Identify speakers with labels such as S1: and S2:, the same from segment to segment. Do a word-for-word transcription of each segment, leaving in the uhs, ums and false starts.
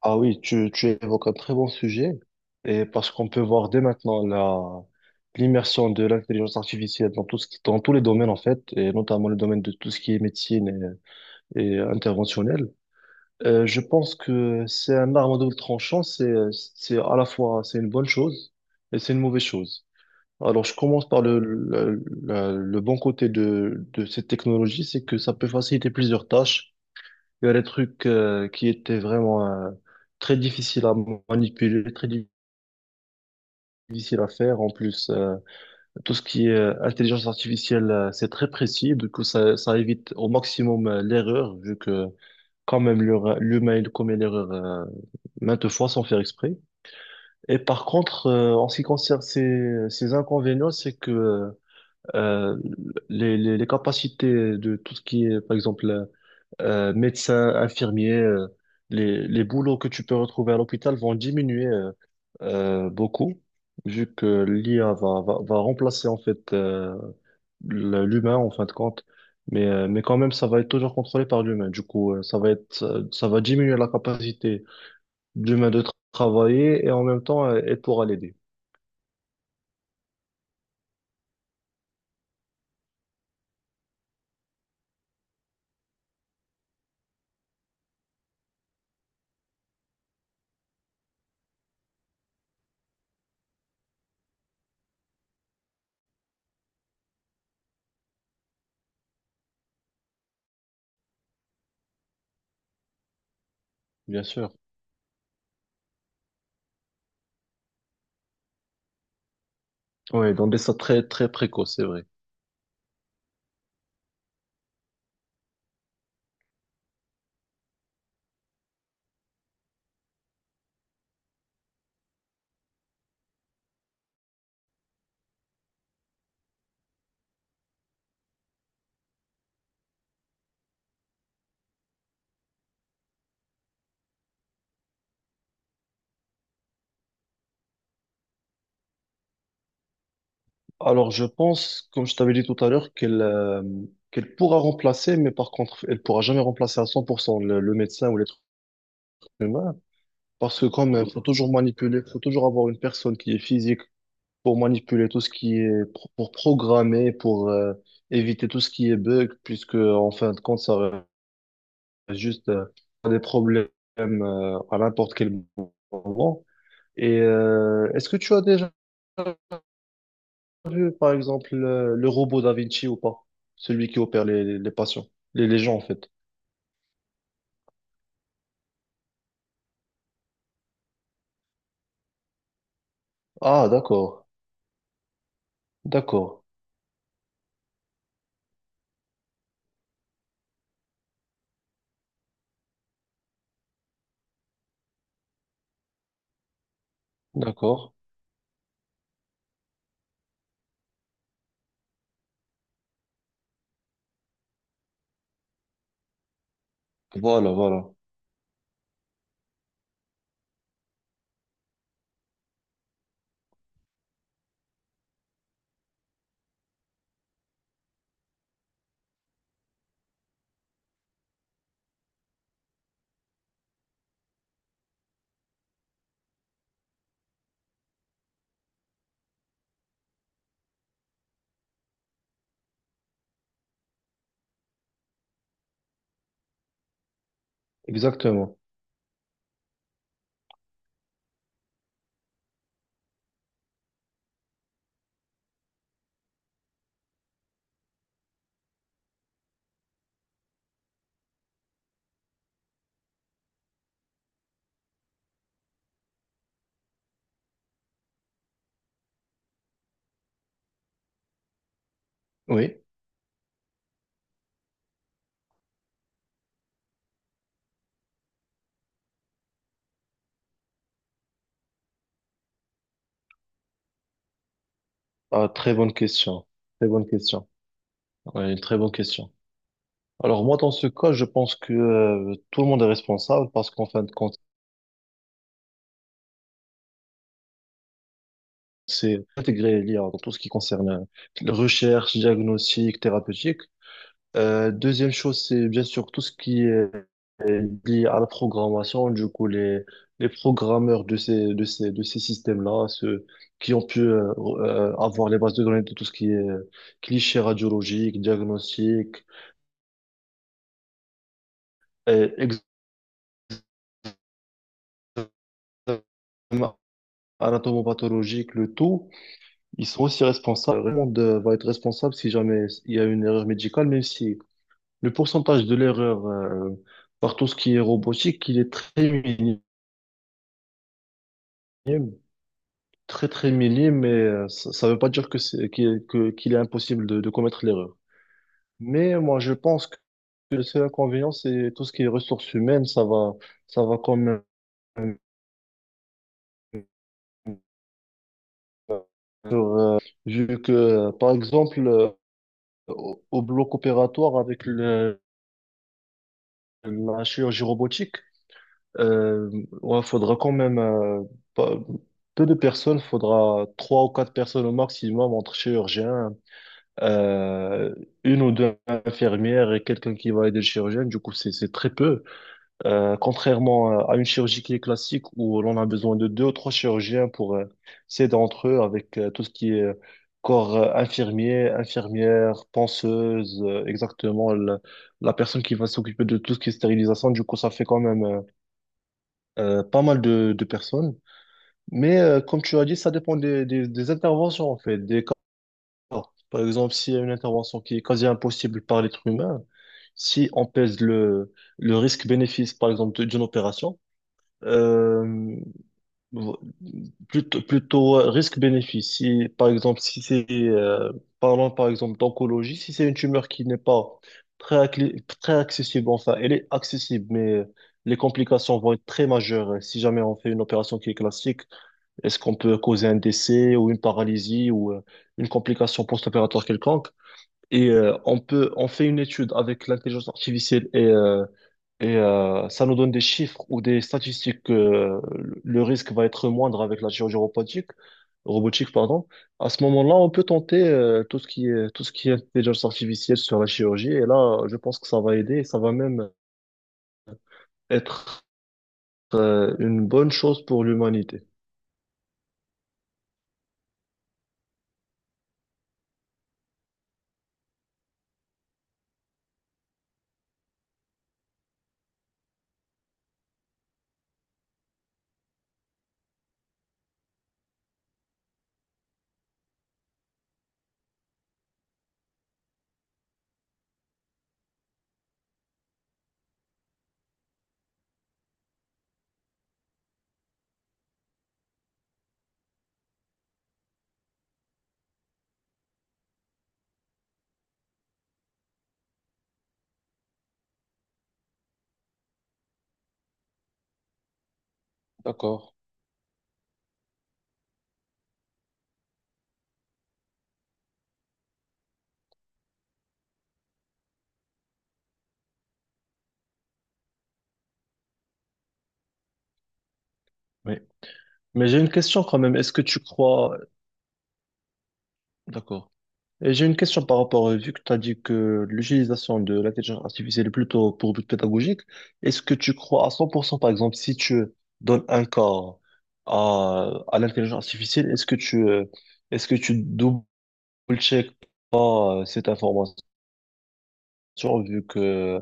S1: Ah oui, tu, tu évoques un très bon sujet, et parce qu'on peut voir dès maintenant la, l'immersion de l'intelligence artificielle dans tout ce qui, dans tous les domaines en fait, et notamment le domaine de tout ce qui est médecine et, et interventionnel. Euh, je pense que c'est un arme à double tranchant, c'est, c'est à la fois, c'est une bonne chose et c'est une mauvaise chose. Alors, je commence par le, le, la- le bon côté de, de cette technologie, c'est que ça peut faciliter plusieurs tâches. Il y a des trucs euh, qui étaient vraiment euh, très difficiles à manipuler, très difficiles à faire. En plus, euh, tout ce qui est euh, intelligence artificielle, euh, c'est très précis. Du coup, ça, ça évite au maximum euh, l'erreur, vu que quand même l'heure- l'humain il commet l'erreur euh, maintes fois sans faire exprès. Et par contre, euh, en ce qui concerne ces, ces inconvénients, c'est que euh, les, les, les capacités de tout ce qui est, par exemple, euh, médecin, infirmier, euh, les, les boulots que tu peux retrouver à l'hôpital vont diminuer euh, euh, beaucoup, vu que l'I A va, va, va remplacer en fait euh, le- l'humain en fin de compte. Mais, euh, mais quand même, ça va être toujours contrôlé par l'humain. Du coup, euh, ça va être, ça, ça va diminuer la capacité de l'humain de tra- travailler et en même temps, euh, elle pourra l'aider, bien sûr. Oui, dans des stades très, très précoces, c'est vrai. Alors, je pense, comme je t'avais dit tout à l'heure, qu'elle euh, qu'elle pourra remplacer, mais par contre, elle pourra jamais remplacer à cent pour cent le, le médecin ou l'être humain, parce que comme il faut toujours manipuler, faut toujours avoir une personne qui est physique pour manipuler tout ce qui est, pro- pour programmer, pour euh, éviter tout ce qui est bug, puisque en fin de compte, ça reste juste euh, des problèmes euh, à n'importe quel moment. Et euh, est-ce que tu as déjà vu, par exemple, le, le robot Da Vinci ou pas? Celui qui opère les, les, les patients, les, les gens, en fait. Ah, d'accord, d'accord, d'accord. Voilà, voilà. Exactement. Oui. Ah, très bonne question. Très bonne question. Ouais, une très bonne question. Alors, moi, dans ce cas, je pense que euh, tout le monde est responsable parce qu'en fin de compte, c'est intégré l'I A dans tout ce qui concerne euh, la recherche, diagnostic, thérapeutique. Euh, deuxième chose, c'est bien sûr tout ce qui est est lié à la programmation. Du coup, les, les programmeurs de ces, de ces, de ces systèmes-là, ceux qui ont pu euh, euh, avoir les bases de données de tout ce qui est euh, clichés radiologiques, diagnostics, et examen anatomopathologique, le tout, ils sont aussi responsables. Tout le monde euh, va être responsable si jamais il y a une erreur médicale, même si le pourcentage de l'erreur euh, par tout ce qui est robotique, il est très minime. Très très minime, mais euh, ça ça veut pas dire que c'est qu'il que- qu'il est impossible de, de commettre l'erreur. Mais moi, je pense que le seul inconvénient, c'est tout ce qui est ressources humaines, ça va, ça va quand même. euh, Vu que, euh, par exemple, euh, au, au bloc opératoire avec le- la chirurgie robotique, euh, ouais, faudra quand même euh, pas- peu de personnes, faudra trois ou quatre personnes au maximum entre chirurgiens. Euh, une ou deux infirmières et quelqu'un qui va aider le chirurgien. Du coup, c'est c'est très peu. Euh, contrairement euh, à une chirurgie qui est classique où l'on a besoin de deux ou trois chirurgiens pour euh, s'aider entre eux avec euh, tout ce qui est euh, corps euh, infirmier, infirmière, penseuse, euh, exactement la, la personne qui va s'occuper de tout ce qui est stérilisation. Du coup, ça fait quand même euh, euh, pas mal de, de personnes. Mais euh, comme tu as dit, ça dépend des, des des interventions en fait, des, par exemple, s'il y a une intervention qui est quasi impossible par l'être humain, si on pèse le, le risque-bénéfice, par exemple, de- d'une opération, euh, vo- plutôt, plutôt euh, risque-bénéfice, si, par exemple, si c'est, euh, parlons par exemple d'oncologie, si c'est une tumeur qui n'est pas très, accli- très accessible, enfin, elle est accessible, mais les complications vont être très majeures. Euh, si jamais on fait une opération qui est classique, est-ce qu'on peut causer un décès ou une paralysie ou euh, une complication post-opératoire quelconque? Et euh, on peut, on fait une étude avec l'intelligence artificielle et, euh, et euh, ça nous donne des chiffres ou des statistiques que le le risque va être moindre avec la chirurgie robotique, robotique, pardon. À ce moment-là, on peut tenter euh, tout ce qui est, tout ce qui est intelligence artificielle sur la chirurgie. Et là, je pense que ça va aider et ça va même être euh, une bonne chose pour l'humanité. D'accord. Oui. Mais j'ai une question quand même. Est-ce que tu crois... D'accord. Et j'ai une question par rapport, euh, vu que tu as dit que l'utilisation de l'intelligence artificielle est plutôt pour but pédagogique, est-ce que tu crois à cent pour cent, par exemple, si tu donnes un corps à, à l'intelligence artificielle, est-ce que tu, euh, est-ce que tu double-check pas euh, cette information, vu que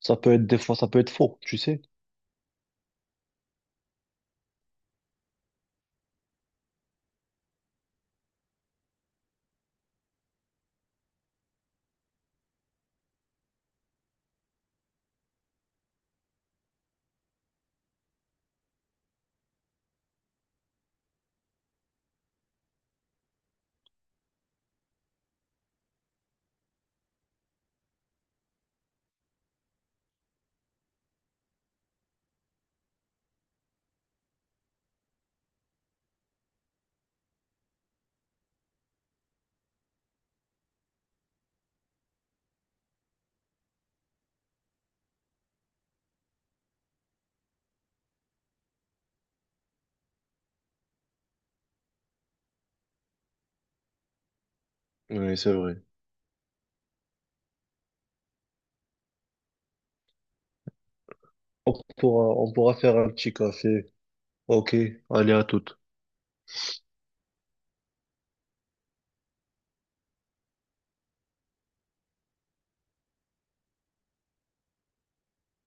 S1: ça peut être des fois, ça peut être faux, tu sais? Oui, c'est vrai. On pourra, on pourra faire un petit café. Ok, allez à tout.